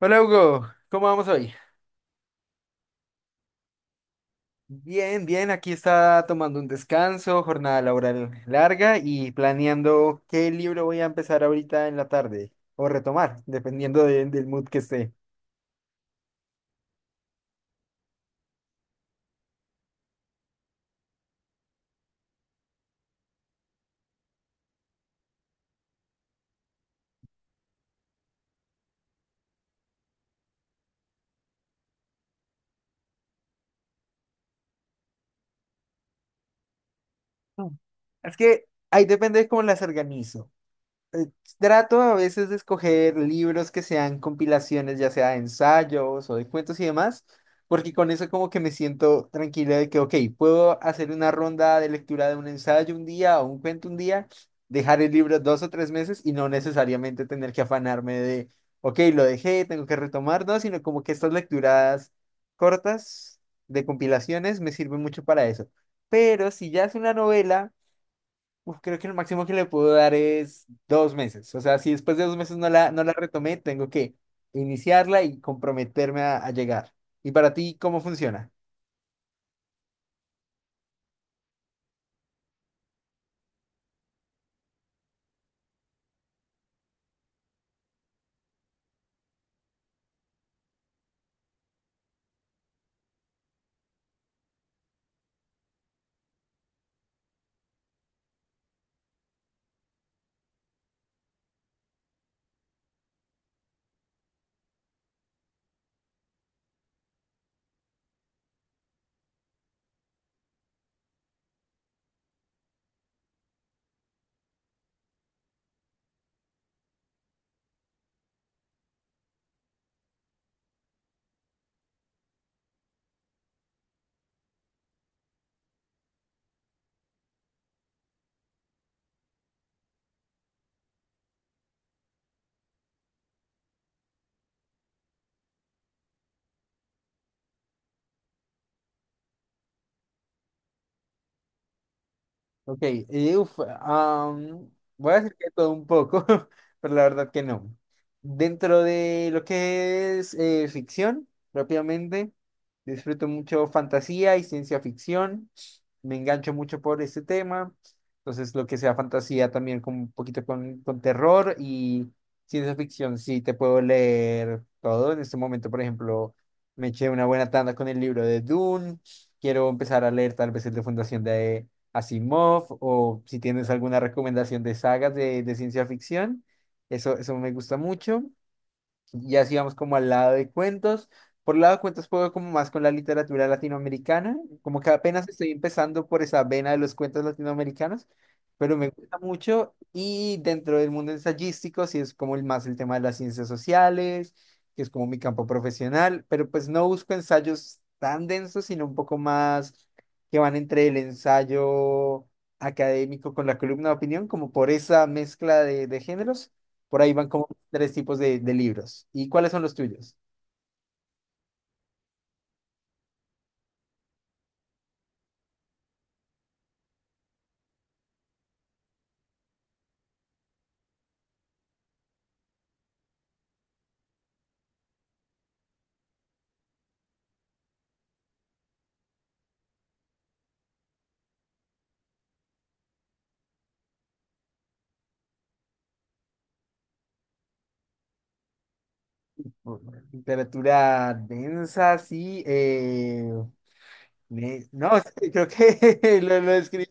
Hola Hugo, ¿cómo vamos hoy? Bien, bien, aquí está tomando un descanso, jornada laboral larga y planeando qué libro voy a empezar ahorita en la tarde o retomar, dependiendo del mood que esté. Mm. Es que ahí depende de cómo las organizo. eh, Trato a veces de escoger libros que sean compilaciones, ya sea de ensayos o de cuentos y demás, porque con eso como que me siento tranquila de que, ok, puedo hacer una ronda de lectura de un ensayo un día o un cuento un día, dejar el libro dos o tres meses y no necesariamente tener que afanarme de, ok, lo dejé, tengo que retomar, no, sino como que estas lecturas cortas de compilaciones me sirven mucho para eso. Pero si ya es una novela, uf, creo que el máximo que le puedo dar es dos meses. O sea, si después de dos meses no la retomé, tengo que iniciarla y comprometerme a llegar. ¿Y para ti cómo funciona? Ok, y uf, voy a decir que todo un poco, pero la verdad que no. Dentro de lo que es ficción, propiamente disfruto mucho fantasía y ciencia ficción. Me engancho mucho por este tema. Entonces, lo que sea fantasía también con un poquito con terror y ciencia ficción, sí, te puedo leer todo. En este momento, por ejemplo, me eché una buena tanda con el libro de Dune. Quiero empezar a leer tal vez el de Fundación de Asimov, o si tienes alguna recomendación de sagas de ciencia ficción. Eso me gusta mucho. Y así vamos como al lado de cuentos. Por el lado de cuentos puedo como más con la literatura latinoamericana, como que apenas estoy empezando por esa vena de los cuentos latinoamericanos, pero me gusta mucho. Y dentro del mundo ensayístico, sí es como el más el tema de las ciencias sociales, que es como mi campo profesional, pero pues no busco ensayos tan densos, sino un poco más que van entre el ensayo académico con la columna de opinión, como por esa mezcla de géneros. Por ahí van como tres tipos de libros. ¿Y cuáles son los tuyos? Literatura densa, sí. No, creo que lo describí.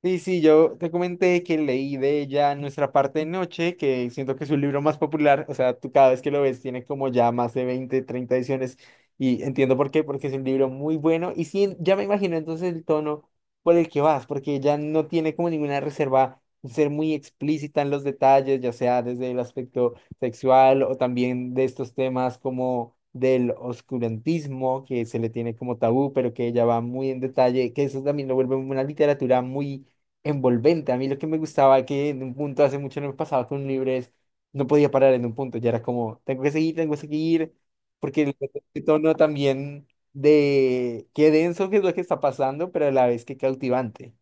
Sí, sí, yo te comenté que leí de ella Nuestra parte de noche, que siento que es su libro más popular, o sea, tú cada vez que lo ves tiene como ya más de 20 30 ediciones y entiendo por qué, porque es un libro muy bueno y sí, ya me imagino entonces el tono por el que vas, porque ella no tiene como ninguna reserva en ser muy explícita en los detalles, ya sea desde el aspecto sexual o también de estos temas como del oscurantismo que se le tiene como tabú, pero que ella va muy en detalle, que eso también lo vuelve una literatura muy envolvente. A mí lo que me gustaba que en un punto hace mucho no me pasaba con un libro es, no podía parar en un punto, ya era como, tengo que seguir, porque el tono también de qué denso que es lo que está pasando, pero a la vez qué cautivante.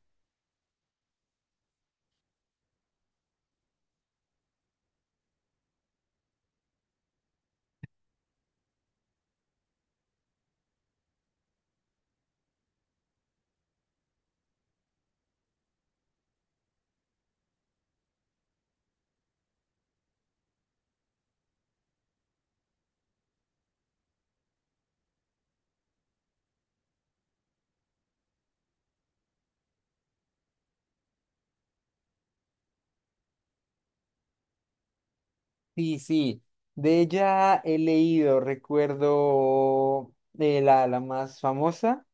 Sí, sí, de ella he leído, recuerdo de la más famosa,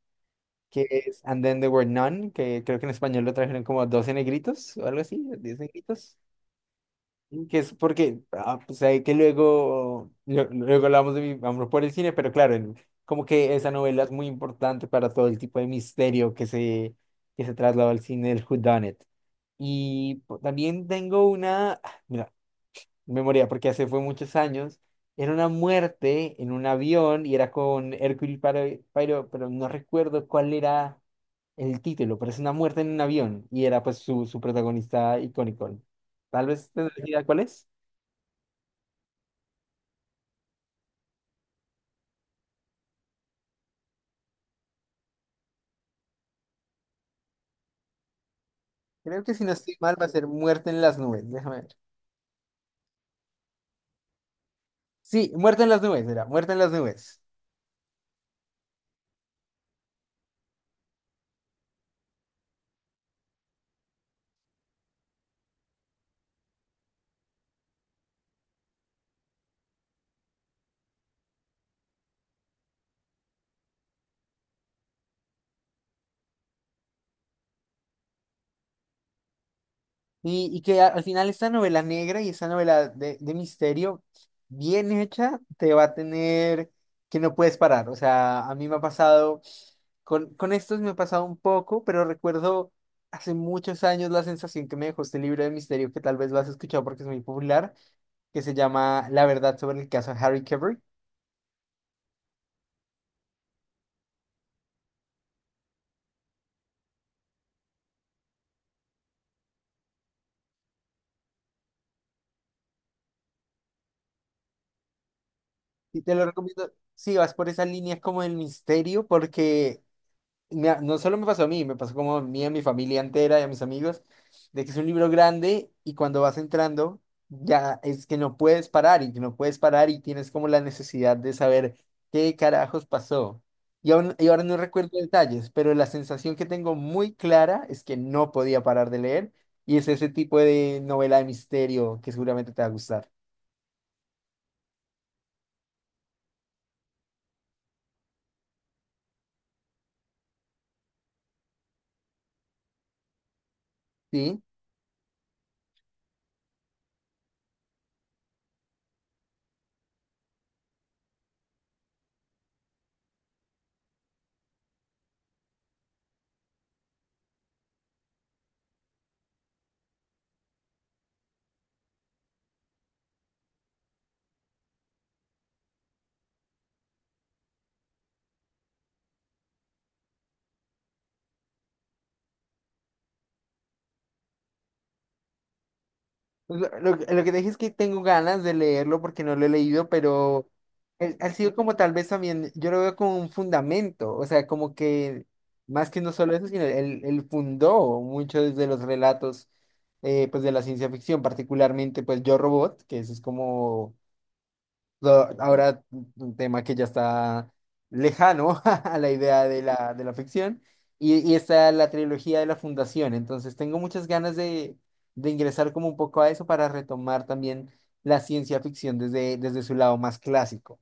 que es And Then There Were None, que creo que en español lo trajeron como 12 negritos o algo así, diez negritos. Que es porque, ah, pues hay que luego, luego hablamos de mi amor por el cine, pero claro, como que esa novela es muy importante para todo el tipo de misterio que se trasladó al cine del whodunit. También tengo una, ah, mira, memoria, porque hace fue muchos años, era una muerte en un avión y era con Poirot, pero no recuerdo cuál era el título, pero es una muerte en un avión y era pues su protagonista icónico. Tal vez tendrás idea cuál es. Creo que si no estoy mal va a ser Muerte en las nubes. Déjame ver. Sí, Muerte en las nubes, era Muerte en las nubes. Y que al final esta novela negra y esta novela de misterio, bien hecha, te va a tener que no puedes parar. O sea, a mí me ha pasado, con estos me ha pasado un poco, pero recuerdo hace muchos años la sensación que me dejó este libro de misterio, que tal vez lo has escuchado porque es muy popular, que se llama La verdad sobre el caso Harry Cavill. Y te lo recomiendo si vas por esa línea como del misterio, porque no solo me pasó a mí, me pasó como a mí, a mi familia entera y a mis amigos, de que es un libro grande y cuando vas entrando ya es que no puedes parar y que no puedes parar y tienes como la necesidad de saber qué carajos pasó. Y ahora no recuerdo detalles, pero la sensación que tengo muy clara es que no podía parar de leer y es ese tipo de novela de misterio que seguramente te va a gustar. ¿Sí? Pues, lo que te dije es que tengo ganas de leerlo porque no lo he leído, pero ha sido como tal vez también, yo lo veo como un fundamento, o sea, como que más que no solo eso, sino él fundó muchos de los relatos pues de la ciencia ficción, particularmente pues Yo Robot, que eso es como... So, ahora, un tema que ya está lejano a la idea de de la ficción, y está la trilogía de la Fundación. Entonces, tengo muchas ganas de ingresar como un poco a eso para retomar también la ciencia ficción desde su lado más clásico.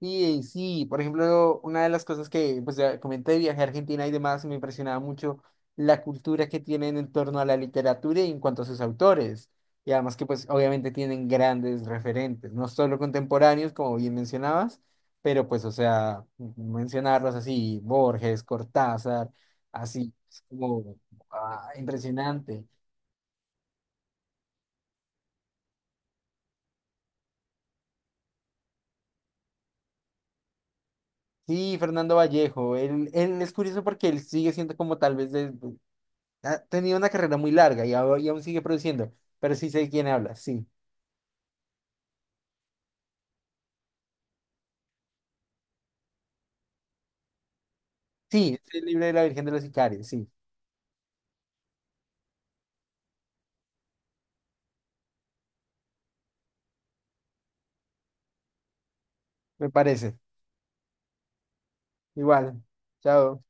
Sí, sí, por ejemplo, una de las cosas que pues, ya comenté de viaje a Argentina y demás, me impresionaba mucho la cultura que tienen en torno a la literatura y en cuanto a sus autores. Y además que pues obviamente tienen grandes referentes, no solo contemporáneos, como bien mencionabas, pero pues o sea, mencionarlos así, Borges, Cortázar, así, es como... ah, impresionante. Sí, Fernando Vallejo, él es curioso porque él sigue siendo como tal vez de... Ha tenido una carrera muy larga y aún sigue produciendo, pero sí sé de quién habla, sí. Sí, es el libro de la Virgen de los Sicarios, sí, me parece. Igual, chao.